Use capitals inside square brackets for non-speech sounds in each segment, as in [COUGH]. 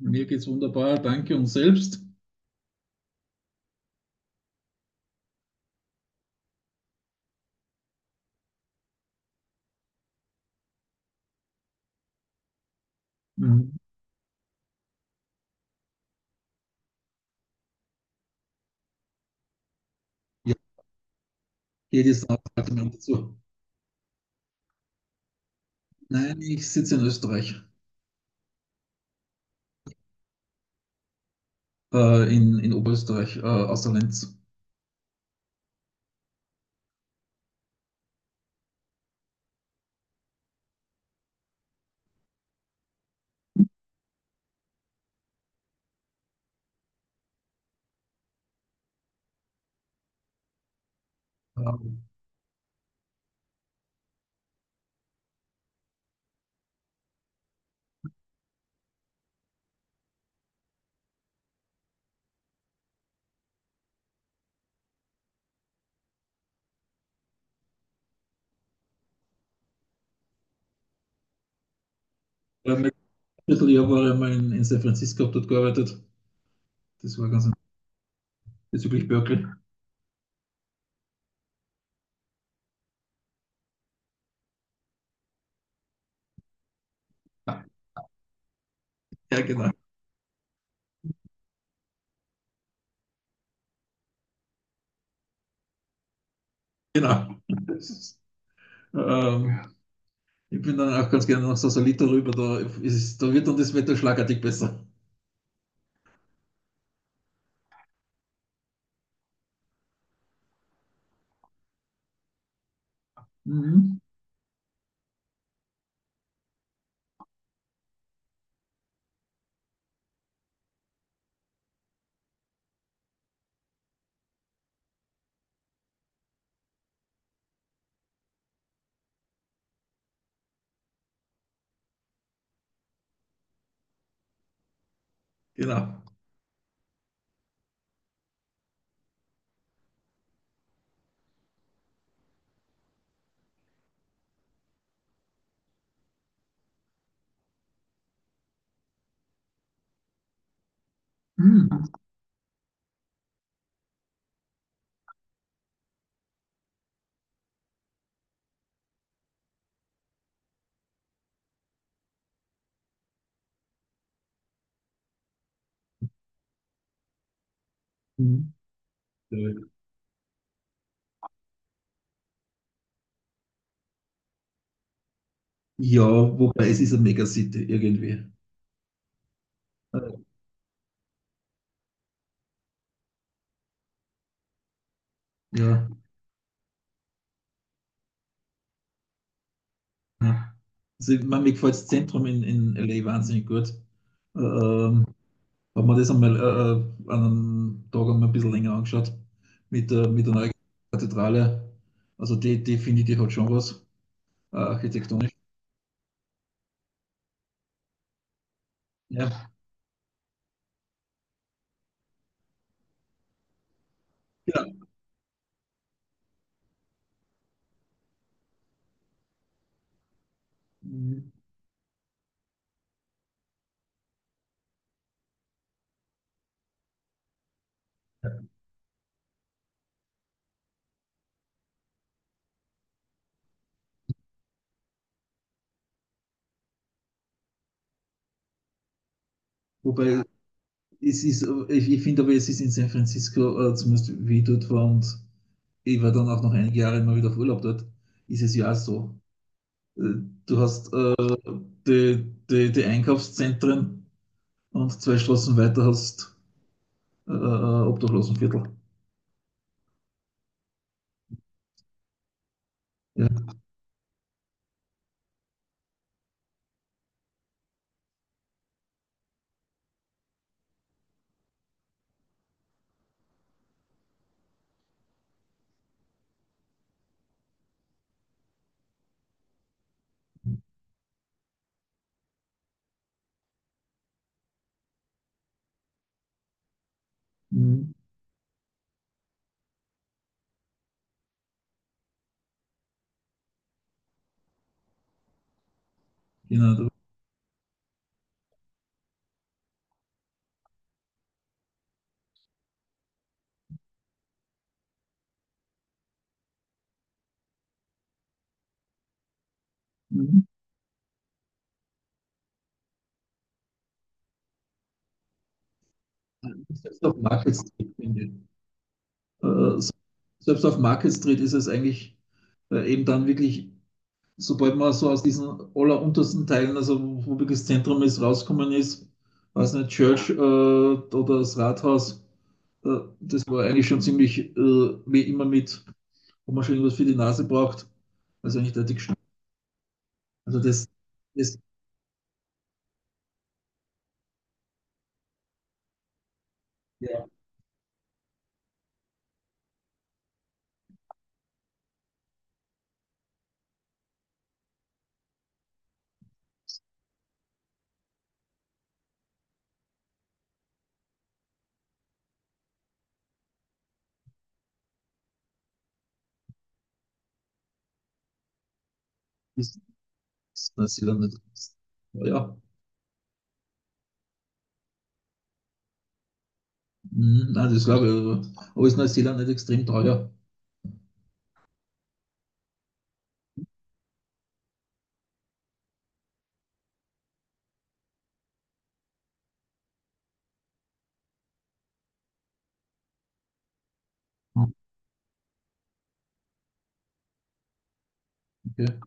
Mir geht's wunderbar, danke und selbst. Mhm. Ja, jedes Land hat einen dazu. Nein, ich sitze in Österreich, in Oberösterreich, außer Lenz. Ähm, ja, mein Vierteljahr war ich einmal in San Francisco, hab dort gearbeitet. Das war ganz bezüglich Berkeley. [LAUGHS] Ja, genau, genau. [LAUGHS] Das ist, ähm, Ich bin dann auch ganz gerne nach Sausalito rüber, da wird dann das Wetter schlagartig besser. Mhm. Genau. Mhm. Ja, wobei es ist eine Megacity irgendwie. Äh, ja, ja. Also, ich meine, mir gefällt das Zentrum in LA wahnsinnig gut. Äh, Ähm, Haben wir das einmal an einem Tag einmal ein bisschen länger angeschaut mit der neuen Kathedrale. Also die finde ich, die hat schon was, architektonisch. Ja, ja. Mhm. Wobei es ist, ich finde aber, es ist in San Francisco, zumindest wie ich dort war und ich war dann auch noch einige Jahre immer wieder auf Urlaub dort, ist es ja auch so. Äh, Du hast die, die Einkaufszentren und zwei Straßen weiter hast Obdachlosenviertel. Ja. Mhm. Genau. Mhm. Selbst auf Market Street, finde ich. Äh, se- Selbst auf Market Street ist es eigentlich eben dann wirklich, sobald man so aus diesen alleruntersten Teilen, also wo wirklich das Zentrum ist, rauskommen ist, weiß nicht, Church oder das Rathaus, äh, das war eigentlich schon ziemlich wie immer mit. Ob man schon irgendwas für die Nase braucht. Also eigentlich der Dickschnitt. Also das, ja, ist ist Neuseeland nicht. Ja, nein, das glaube ich. Aber ist Neuseeland nicht extrem teuer? Okay.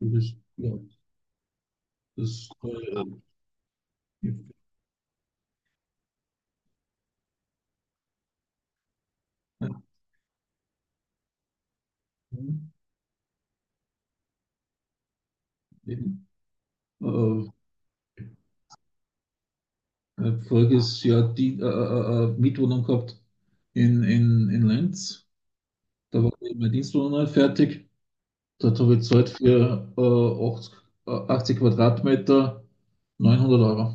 Das ist, ja, das ist teuer. Ja. Mhm. Eben. Äh, Voriges Jahr die, Mietwohnung gehabt in Lenz. Da war eben meine Dienstwohnung fertig. Dort habe ich gezahlt für 80, 80 Quadratmeter 900 Euro.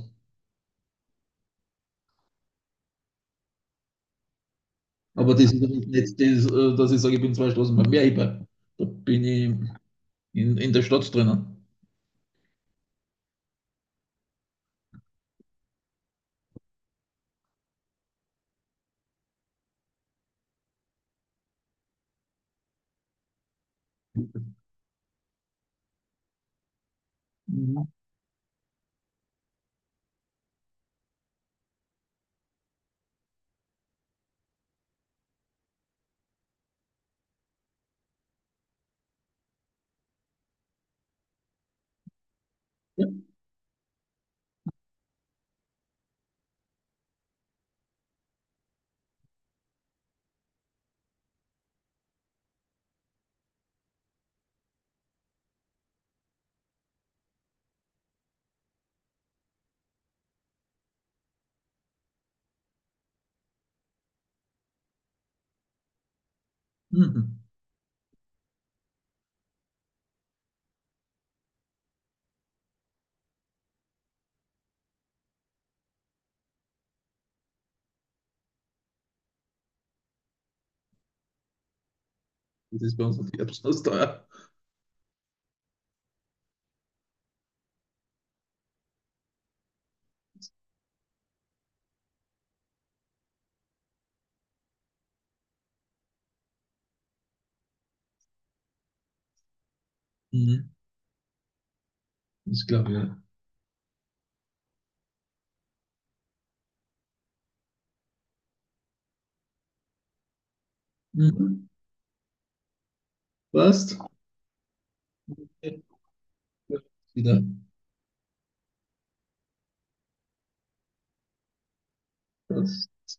Aber das ist nicht das, dass ich sage, ich bin zwei Straßen beim Meerheber. Da bin ich in der Stadt drinnen. Mhm. Ja. Mhm. Das ist bei uns auf Erbsen teuer. Mhm. Ich glaube, ja. Mhm. Passt. Wieder. Das